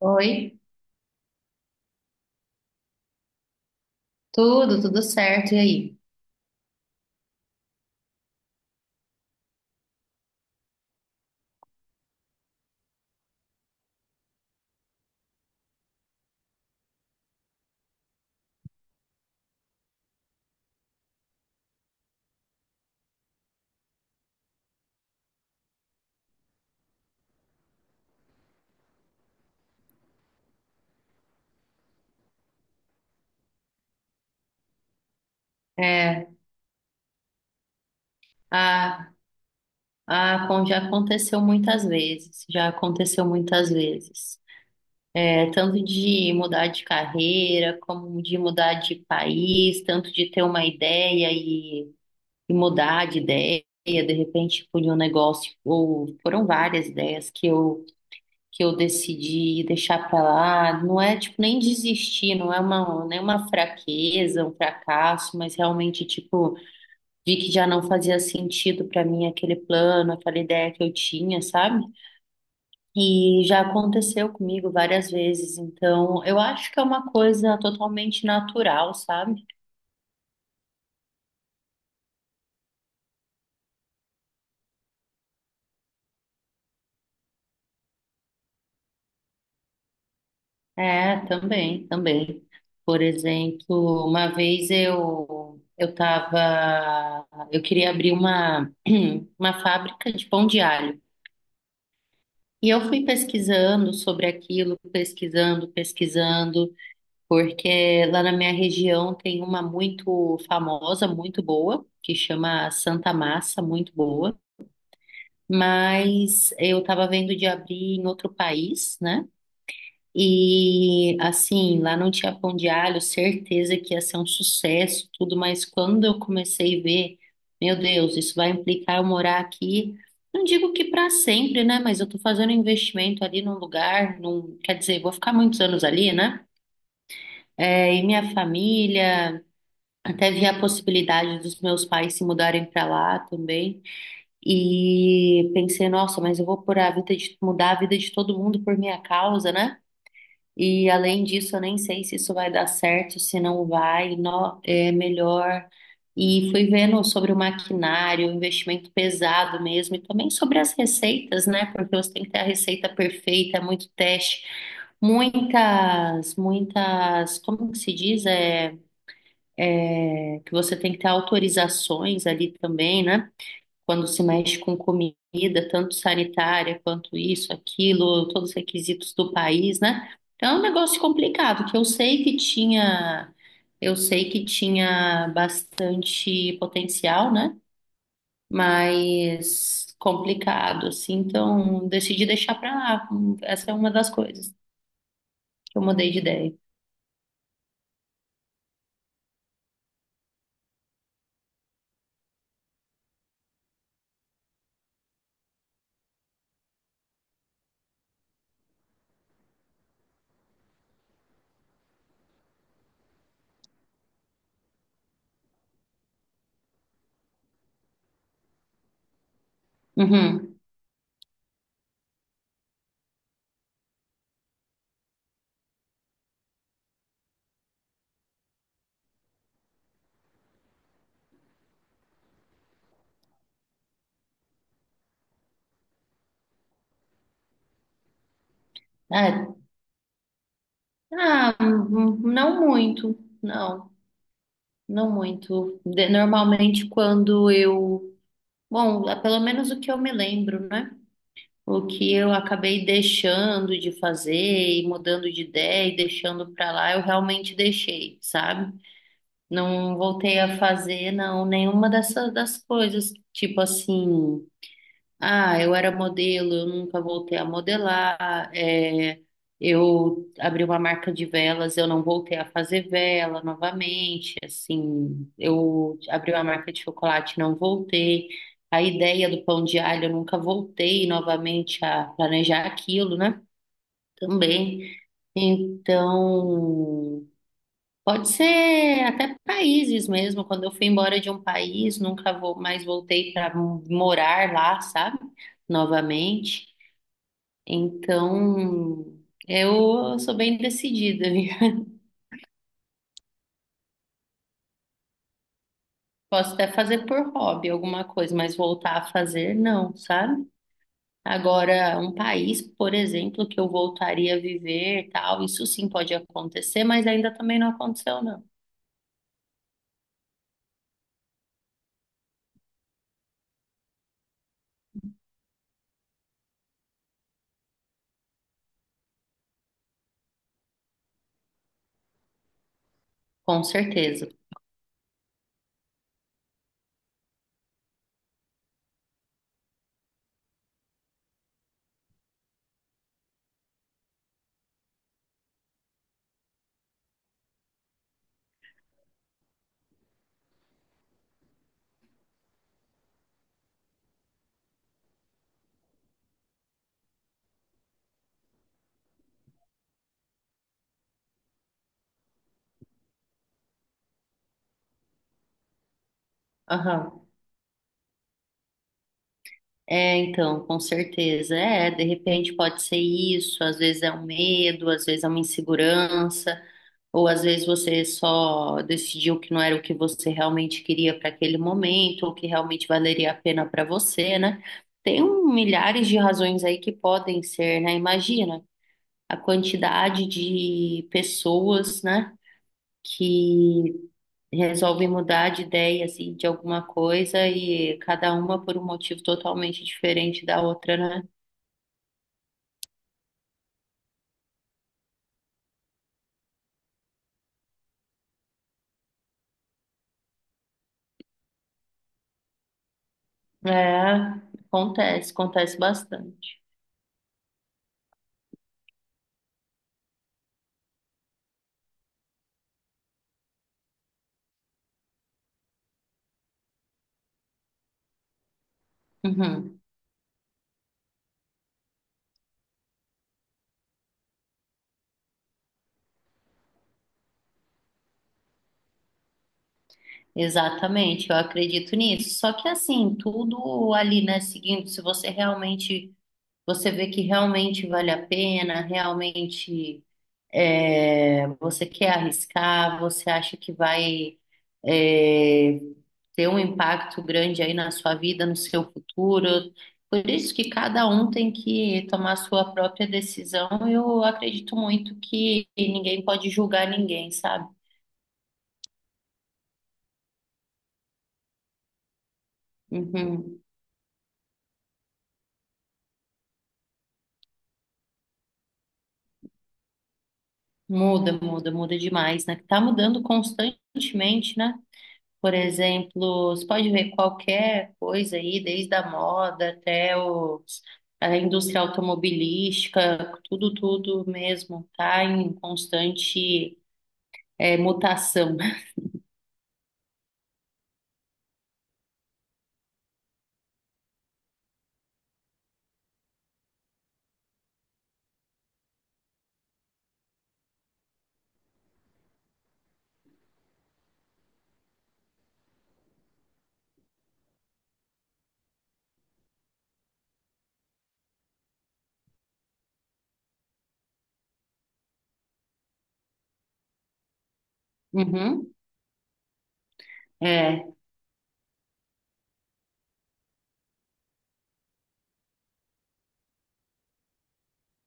Oi, tudo, tudo certo. E aí? É, a, a Pon já aconteceu muitas vezes, já aconteceu muitas vezes. É, tanto de mudar de carreira, como de mudar de país, tanto de ter uma ideia e mudar de ideia, de repente por um negócio, ou foram várias ideias que eu decidi deixar para lá. Não é tipo nem desistir, não é uma, nem uma fraqueza, um fracasso, mas realmente tipo, vi que já não fazia sentido para mim aquele plano, aquela ideia que eu tinha, sabe? E já aconteceu comigo várias vezes, então eu acho que é uma coisa totalmente natural, sabe? É, também, também. Por exemplo, uma vez eu queria abrir uma uma fábrica de pão de alho. E eu fui pesquisando sobre aquilo, pesquisando, pesquisando, porque lá na minha região tem uma muito famosa, muito boa, que chama Santa Massa, muito boa, mas eu estava vendo de abrir em outro país, né? E assim, lá não tinha pão de alho, certeza que ia ser um sucesso, tudo, mas quando eu comecei a ver, meu Deus, isso vai implicar eu morar aqui. Não digo que para sempre, né? Mas eu tô fazendo um investimento ali num lugar, quer dizer, vou ficar muitos anos ali, né? É, e minha família. Até vi a possibilidade dos meus pais se mudarem para lá também. E pensei, nossa, mas eu vou por a vida de, mudar a vida de todo mundo por minha causa, né? E além disso, eu nem sei se isso vai dar certo, se não vai, é melhor. E fui vendo sobre o maquinário, o investimento pesado mesmo, e também sobre as receitas, né? Porque você tem que ter a receita perfeita, é muito teste, muitas, muitas, como que se diz? É que você tem que ter autorizações ali também, né? Quando se mexe com comida, tanto sanitária quanto isso, aquilo, todos os requisitos do país, né? Então é um negócio complicado, que eu sei que tinha, eu sei que tinha bastante potencial, né? Mas complicado, assim, então decidi deixar pra lá. Essa é uma das coisas que eu mudei de ideia. Uhum. É. Ah, não muito, não. Não muito. Normalmente quando eu, bom, é pelo menos o que eu me lembro, né? O que eu acabei deixando de fazer e mudando de ideia e deixando para lá, eu realmente deixei, sabe? Não voltei a fazer, não, nenhuma dessas das coisas, tipo assim. Ah, eu era modelo, eu nunca voltei a modelar. É, eu abri uma marca de velas, eu não voltei a fazer vela novamente. Assim, eu abri uma marca de chocolate, não voltei. A ideia do pão de alho, eu nunca voltei novamente a planejar aquilo, né? Também. Então, pode ser até países mesmo. Quando eu fui embora de um país, nunca vou mais voltei para morar lá, sabe? Novamente. Então, eu sou bem decidida, viu? Posso até fazer por hobby alguma coisa, mas voltar a fazer, não, sabe? Agora, um país, por exemplo, que eu voltaria a viver, tal, isso sim pode acontecer, mas ainda também não aconteceu, não. Com certeza. Aham. É, então, com certeza. É, de repente pode ser isso, às vezes é um medo, às vezes é uma insegurança, ou às vezes você só decidiu que não era o que você realmente queria para aquele momento, ou que realmente valeria a pena para você, né? Tem um, milhares de razões aí que podem ser, né? Imagina a quantidade de pessoas, né? Que resolvem mudar de ideia assim de alguma coisa e cada uma por um motivo totalmente diferente da outra, né? É, acontece, acontece bastante. Uhum. Exatamente, eu acredito nisso. Só que assim, tudo ali, né, seguindo, se você realmente, você vê que realmente vale a pena, realmente, é, você quer arriscar, você acha que vai, é, ter um impacto grande aí na sua vida, no seu futuro. Por isso que cada um tem que tomar a sua própria decisão. Eu acredito muito que ninguém pode julgar ninguém, sabe? Uhum. Muda, muda, muda demais, né? Tá mudando constantemente, né? Por exemplo, você pode ver qualquer coisa aí, desde a moda até os, a indústria automobilística, tudo, tudo mesmo, tá em constante, é, mutação. Uhum, é,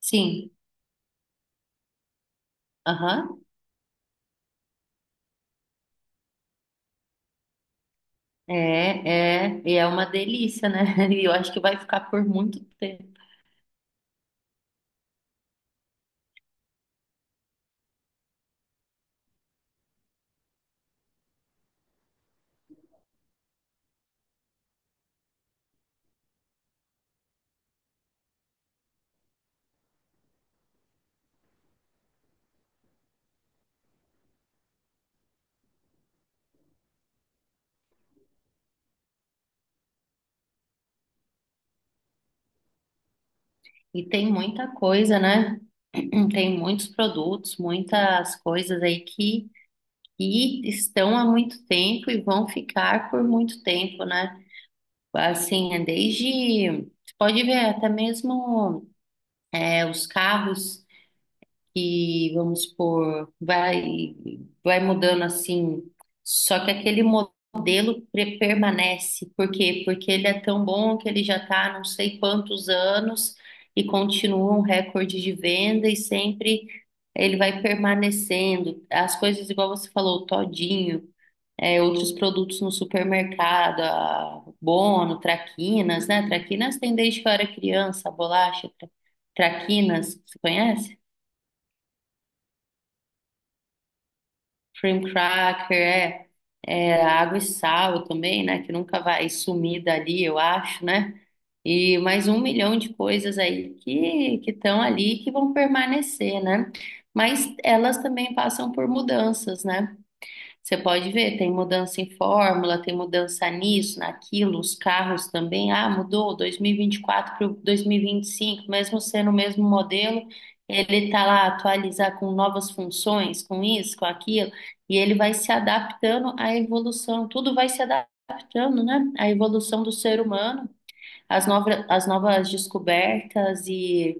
sim, aham, é, é, e é uma delícia, né? E eu acho que vai ficar por muito tempo. E tem muita coisa, né? Tem muitos produtos, muitas coisas aí que estão há muito tempo e vão ficar por muito tempo, né? Assim, é desde, você pode ver até mesmo, é, os carros que, vamos por vai, vai mudando assim, só que aquele modelo permanece. Por quê? Porque ele é tão bom que ele já está não sei quantos anos e continua um recorde de venda e sempre. Ele vai permanecendo. As coisas, igual você falou, o todinho, é, outros produtos no supermercado, a Bono, Traquinas, né? Traquinas tem desde que eu era criança, bolacha, Traquinas, você conhece? Cream cracker, é, é, água e sal também, né? Que nunca vai sumir dali, eu acho, né? E mais um milhão de coisas aí que estão ali e que vão permanecer, né? Mas elas também passam por mudanças, né? Você pode ver, tem mudança em fórmula, tem mudança nisso, naquilo, os carros também. Ah, mudou dois mil e vinte e quatro para dois mil e vinte e cinco, mesmo sendo o mesmo modelo, ele está lá atualizar com novas funções, com isso, com aquilo, e ele vai se adaptando à evolução. Tudo vai se adaptando, né? À evolução do ser humano, às novas descobertas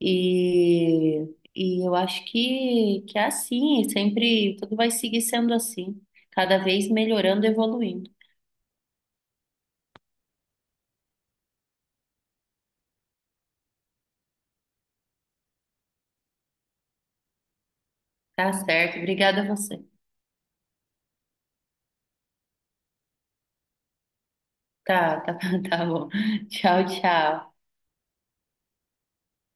e, e eu acho que é assim, é sempre tudo vai seguir sendo assim, cada vez melhorando, evoluindo. Tá certo, obrigada a você. Tá, tá, tá bom. Tchau, tchau.